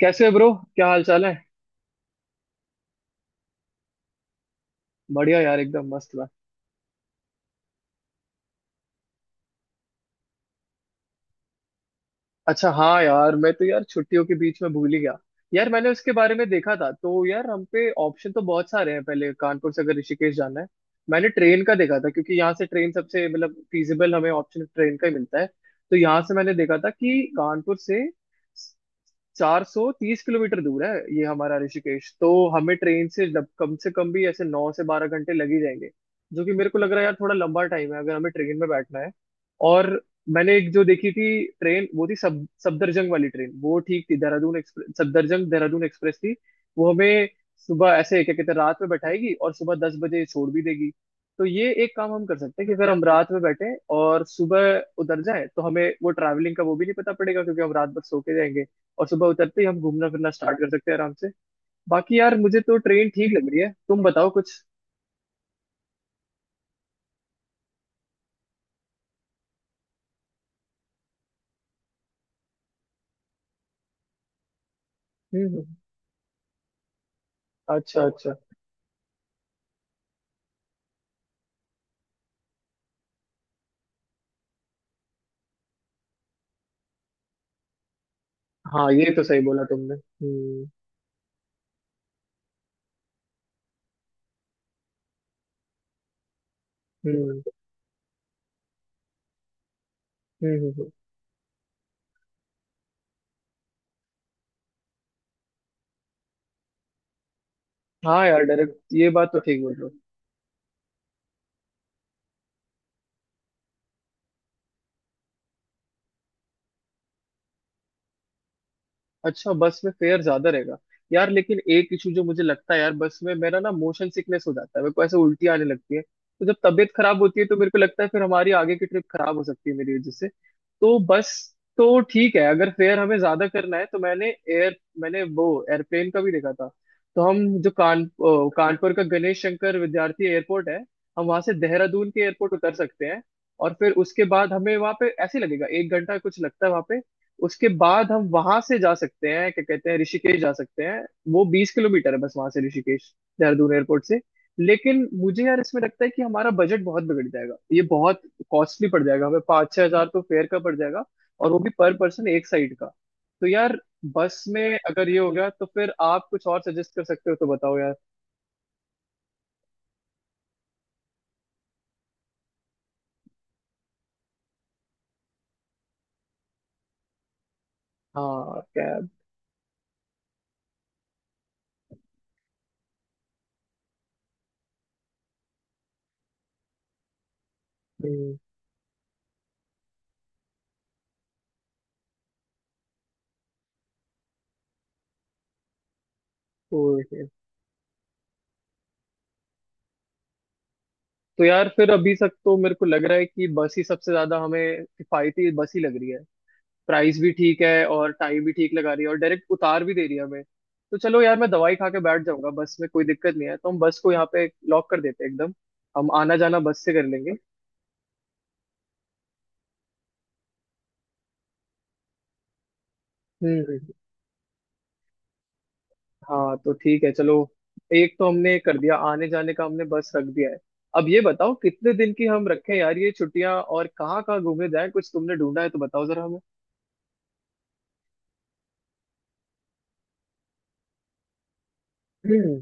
कैसे हो ब्रो, क्या हाल चाल है। बढ़िया यार, एकदम मस्त मैं। अच्छा, हाँ यार, मैं तो यार छुट्टियों के बीच में भूल ही गया। यार मैंने उसके बारे में देखा था तो यार हम पे ऑप्शन तो बहुत सारे हैं। पहले कानपुर से अगर ऋषिकेश जाना है, मैंने ट्रेन का देखा था क्योंकि यहाँ से ट्रेन सबसे मतलब फीजिबल हमें ऑप्शन ट्रेन का ही मिलता है। तो यहाँ से मैंने देखा था कि कानपुर से 430 किलोमीटर दूर है ये हमारा ऋषिकेश। तो हमें ट्रेन से जब कम से कम भी ऐसे 9 से 12 घंटे लग ही जाएंगे, जो कि मेरे को लग रहा है यार थोड़ा लंबा टाइम है अगर हमें ट्रेन में बैठना है। और मैंने एक जो देखी थी ट्रेन, वो थी सब सफदरजंग वाली ट्रेन, वो ठीक थी। देहरादून एक्सप्रेस, सफदरजंग देहरादून एक्सप्रेस थी। वो हमें सुबह ऐसे क्या कहते हैं, रात में बैठाएगी और सुबह 10 बजे छोड़ भी देगी। तो ये एक काम हम कर सकते हैं कि अगर हम रात में बैठे और सुबह उतर जाएं तो हमें वो ट्रैवलिंग का वो भी नहीं पता पड़ेगा, क्योंकि हम रात भर सो के जाएंगे। और सुबह उतरते ही हम घूमना फिरना स्टार्ट कर सकते हैं आराम से। बाकी यार मुझे तो ट्रेन ठीक लग रही है, तुम बताओ कुछ। हम्म। अच्छा अच्छा। हाँ, ये तो सही बोला तुमने। हम्म हम्म। हम्म। हाँ यार, डायरेक्ट ये बात तो ठीक बोल रहे हो। अच्छा, बस में फेयर ज्यादा रहेगा। यार लेकिन एक इशू जो मुझे लगता है यार, बस में मेरा ना मोशन सिकनेस हो जाता है, मेरे को ऐसे उल्टी आने लगती है। तो जब तबीयत खराब होती है तो मेरे को लगता है फिर हमारी आगे की ट्रिप खराब हो सकती है मेरी वजह से। तो बस, तो ठीक है अगर फेयर हमें ज्यादा करना है तो मैंने वो एयरप्लेन का भी देखा था। तो हम जो कानपुर का गणेश शंकर विद्यार्थी एयरपोर्ट है, हम वहां से देहरादून के एयरपोर्ट उतर सकते हैं। और फिर उसके बाद हमें वहां पे ऐसे ही लगेगा, एक घंटा कुछ लगता है वहां पे। उसके बाद हम वहां से जा सकते हैं, क्या कहते हैं, ऋषिकेश जा सकते हैं। वो 20 किलोमीटर है बस वहां से ऋषिकेश, देहरादून एयरपोर्ट से। लेकिन मुझे यार इसमें लगता है कि हमारा बजट बहुत बिगड़ जाएगा, ये बहुत कॉस्टली पड़ जाएगा। हमें 5-6 हज़ार तो फेयर का पड़ जाएगा, और वो भी पर पर्सन एक साइड का। तो यार बस में अगर ये हो गया तो फिर आप कुछ और सजेस्ट कर सकते हो, तो बताओ यार। हाँ, कैब। हम्म। ओके। तो यार फिर अभी तक तो मेरे को लग रहा है कि बस ही सबसे ज्यादा हमें किफायती, बस ही लग रही है। प्राइस भी ठीक है और टाइम भी ठीक लगा रही है और डायरेक्ट उतार भी दे रही है हमें। तो चलो यार, मैं दवाई खा के बैठ जाऊंगा बस में, कोई दिक्कत नहीं है, तो हम बस को यहाँ पे लॉक कर देते हैं एकदम। हम आना जाना बस से कर लेंगे। हम्म। हाँ तो ठीक है, चलो। एक तो हमने कर दिया आने जाने का, हमने बस रख दिया है। अब ये बताओ कितने दिन की हम रखें यार ये छुट्टियां, और कहाँ कहाँ घूमने जाए, कुछ तुमने ढूंढा है तो बताओ जरा हमें। हम्म।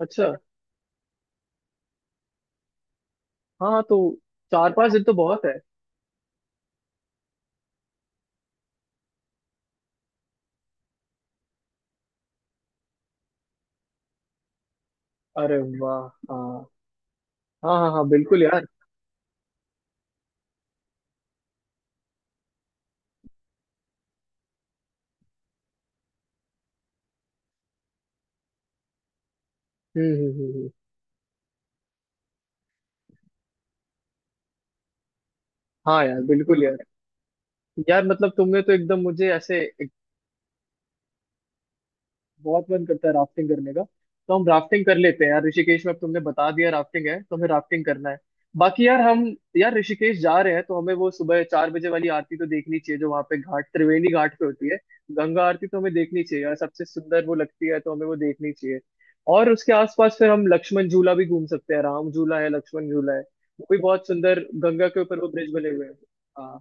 अच्छा। हाँ तो 4-5 दिन तो बहुत है। अरे वाह। हाँ हाँ हाँ। हाँ बिल्कुल यार। हम्म हम्म हम्म हम्म। हाँ यार बिल्कुल यार। यार मतलब तुमने तो एकदम मुझे ऐसे बहुत मन करता है राफ्टिंग करने का। तो हम राफ्टिंग कर लेते हैं यार, ऋषिकेश में अब तुमने बता दिया राफ्टिंग है तो हमें राफ्टिंग करना है। बाकी यार हम, यार ऋषिकेश जा रहे हैं तो हमें वो सुबह 4 बजे वाली आरती तो देखनी चाहिए, जो वहाँ पे घाट, त्रिवेणी घाट पे होती है। गंगा आरती तो हमें देखनी चाहिए यार, सबसे सुंदर वो लगती है तो हमें वो देखनी चाहिए। और उसके आसपास फिर हम लक्ष्मण झूला भी घूम सकते हैं, राम झूला है, लक्ष्मण झूला है। वो भी बहुत सुंदर, गंगा के ऊपर वो ब्रिज बने हुए हैं। हाँ।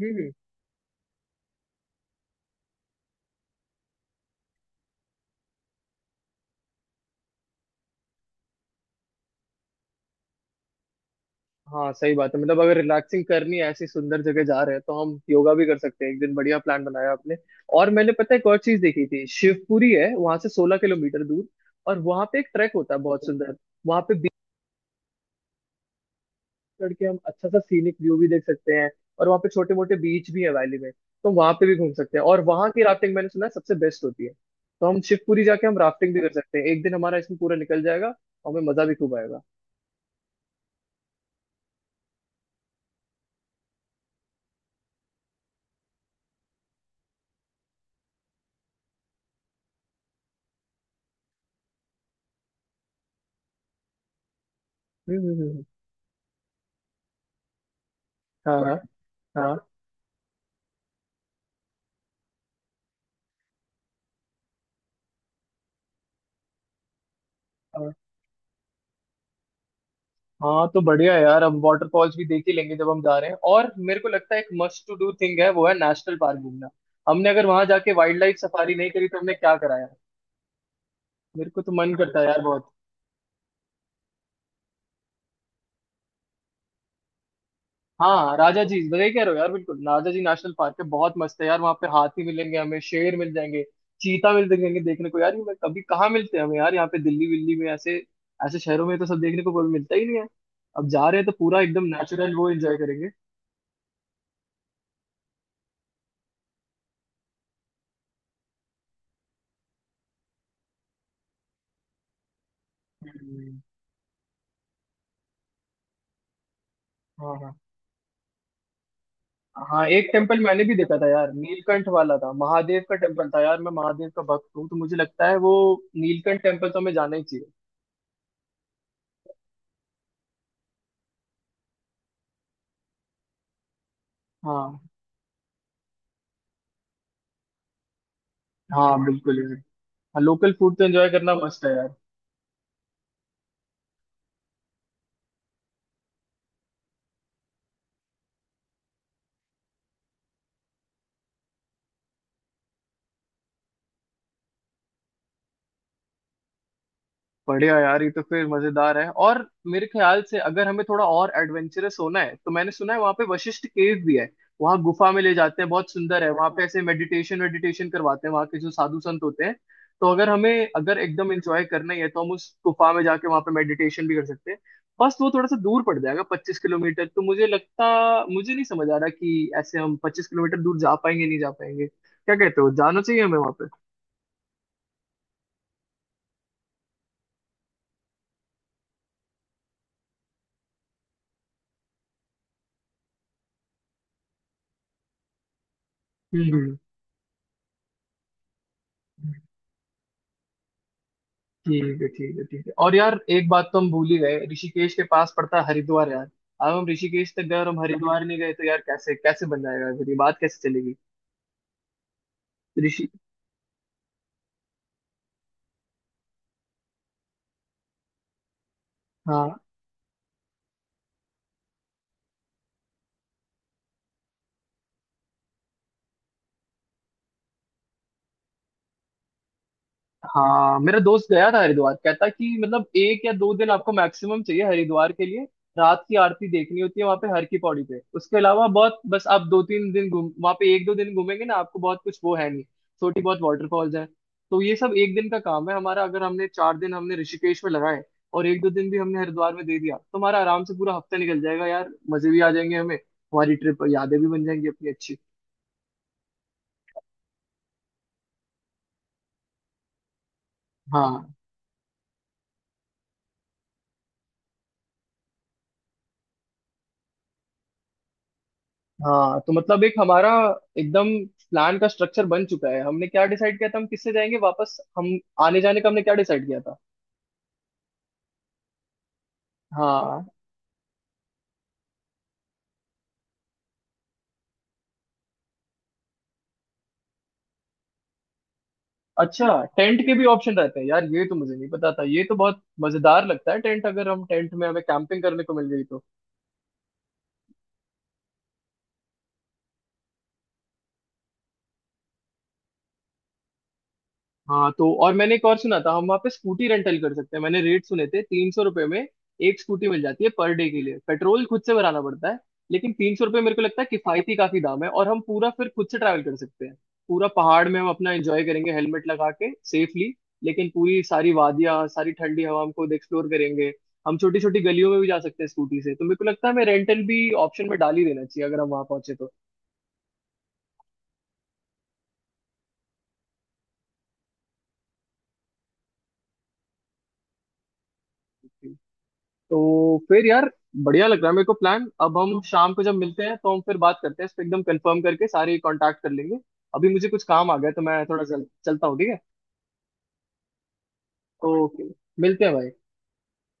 हम्म। हाँ सही बात है, मतलब अगर रिलैक्सिंग करनी है, ऐसी सुंदर जगह जा रहे हैं तो हम योगा भी कर सकते हैं एक दिन। बढ़िया प्लान बनाया आपने। और मैंने पता है एक और चीज देखी थी, शिवपुरी है वहां से 16 किलोमीटर दूर। और वहां पे एक ट्रैक होता है बहुत सुंदर, वहां पे बीच चढ़ के हम अच्छा सा सीनिक व्यू भी देख सकते हैं। और वहां पे छोटे मोटे बीच भी है वैली में, तो वहां पे भी घूम सकते हैं। और वहां की राफ्टिंग मैंने सुना है सबसे बेस्ट होती है, तो हम शिवपुरी जाके हम राफ्टिंग भी कर सकते हैं, एक दिन हमारा इसमें पूरा निकल जाएगा और हमें मजा भी खूब आएगा। हम्म। हम्म। हाँ हाँ हाँ। हाँ तो बढ़िया है यार, हम वाटरफॉल्स भी देख ही लेंगे जब हम जा रहे हैं। और मेरे को लगता है एक मस्ट टू डू थिंग है, वो है नेशनल पार्क घूमना। हमने अगर वहां जाके वाइल्ड लाइफ सफारी नहीं करी तो हमने क्या कराया। मेरे को तो मन करता है यार बहुत। हाँ राजा जी, वही कह रहे हो यार, बिल्कुल राजा जी नेशनल पार्क है, बहुत मस्त है यार। वहाँ पे हाथी मिलेंगे, हमें शेर मिल जाएंगे, चीता मिल जाएंगे देखने को यार। ये मैं कभी कहाँ मिलते हैं हमें यार, यहाँ पे दिल्ली विल्ली में ऐसे ऐसे शहरों में तो सब देखने को कोई मिलता ही नहीं है। अब जा रहे हैं तो पूरा एकदम नेचुरल वो एंजॉय करेंगे। हम्म। हाँ हाँ। हाँ एक टेम्पल मैंने भी देखा था यार, नीलकंठ वाला था, महादेव का टेम्पल था यार, मैं महादेव का भक्त हूँ तो मुझे लगता है वो नीलकंठ टेम्पल तो हमें जाना ही चाहिए। हाँ हाँ बिल्कुल यार। हाँ, लोकल फूड तो एंजॉय करना मस्त है यार। बढ़िया यार, ये तो फिर मजेदार है। और मेरे ख्याल से अगर हमें थोड़ा और एडवेंचरस होना है, तो मैंने सुना है वहां पे वशिष्ठ केव भी है। वहां गुफा में ले जाते हैं, बहुत सुंदर है वहां पे, ऐसे मेडिटेशन वेडिटेशन करवाते हैं वहां के जो साधु संत होते हैं। तो अगर हमें अगर एकदम एंजॉय करना ही है तो हम उस गुफा में जाके वहां पे मेडिटेशन भी कर सकते हैं। बस वो थोड़ा सा दूर पड़ जाएगा 25 किलोमीटर, तो मुझे नहीं समझ आ रहा कि ऐसे हम 25 किलोमीटर दूर जा पाएंगे नहीं जा पाएंगे, क्या कहते हो, जाना चाहिए हमें वहां पे। हम्म हम्म। ठीक है ठीक है ठीक है। और यार एक बात तो हम भूल ही गए, ऋषिकेश के पास पड़ता है हरिद्वार यार। अब हम ऋषिकेश तक गए और हम हरिद्वार नहीं गए तो यार कैसे कैसे बन जाएगा, फिर ये बात कैसे चलेगी। ऋषि हाँ हाँ, मेरा दोस्त गया था हरिद्वार, कहता कि मतलब एक या दो दिन आपको मैक्सिमम चाहिए हरिद्वार के लिए। रात की आरती देखनी होती है वहां पे हर की पौड़ी पे, उसके अलावा बहुत बस। आप 2-3 दिन घूम वहां पे, एक दो दिन घूमेंगे ना आपको बहुत कुछ वो है नहीं। छोटी बहुत वाटरफॉल्स है। तो ये सब एक दिन का काम है हमारा, अगर हमने 4 दिन हमने ऋषिकेश में लगाए और एक दो दिन भी हमने हरिद्वार में दे दिया तो हमारा आराम से पूरा हफ्ता निकल जाएगा यार। मजे भी आ जाएंगे हमें, हमारी ट्रिप यादें भी बन जाएंगी अपनी अच्छी। हाँ हाँ तो मतलब एक हमारा एकदम प्लान का स्ट्रक्चर बन चुका है। हमने क्या डिसाइड किया था, हम किससे जाएंगे वापस हम, आने जाने का हमने क्या डिसाइड किया था। हाँ। अच्छा, टेंट के भी ऑप्शन रहते हैं यार, ये तो मुझे नहीं पता था, ये तो बहुत मजेदार लगता है टेंट, अगर हम टेंट में हमें कैंपिंग करने को मिल गई तो। हाँ तो और मैंने एक और सुना था, हम वहाँ पे स्कूटी रेंटल कर सकते हैं। मैंने रेट सुने थे 300 रुपये में एक स्कूटी मिल जाती है पर डे के लिए, पेट्रोल खुद से भराना पड़ता है। लेकिन 300 रुपये मेरे को लगता है किफायती काफी दाम है, और हम पूरा फिर खुद से ट्रैवल कर सकते हैं। पूरा पहाड़ में हम अपना एंजॉय करेंगे हेलमेट लगा के सेफली, लेकिन पूरी सारी वादियाँ सारी ठंडी हवा हम खुद एक्सप्लोर करेंगे। हम छोटी छोटी गलियों में भी जा सकते हैं स्कूटी से, तो मेरे को लगता है हमें रेंटल भी ऑप्शन में डाल ही देना चाहिए अगर हम वहां पहुंचे। तो तो फिर यार बढ़िया लग रहा है मेरे को प्लान, अब हम शाम को जब मिलते हैं तो हम फिर बात करते हैं इस पे, एकदम कंफर्म करके सारे कांटेक्ट कर लेंगे। अभी मुझे कुछ काम आ गया है, तो मैं थोड़ा चलता हूँ, ठीक है। ओके। मिलते हैं भाई।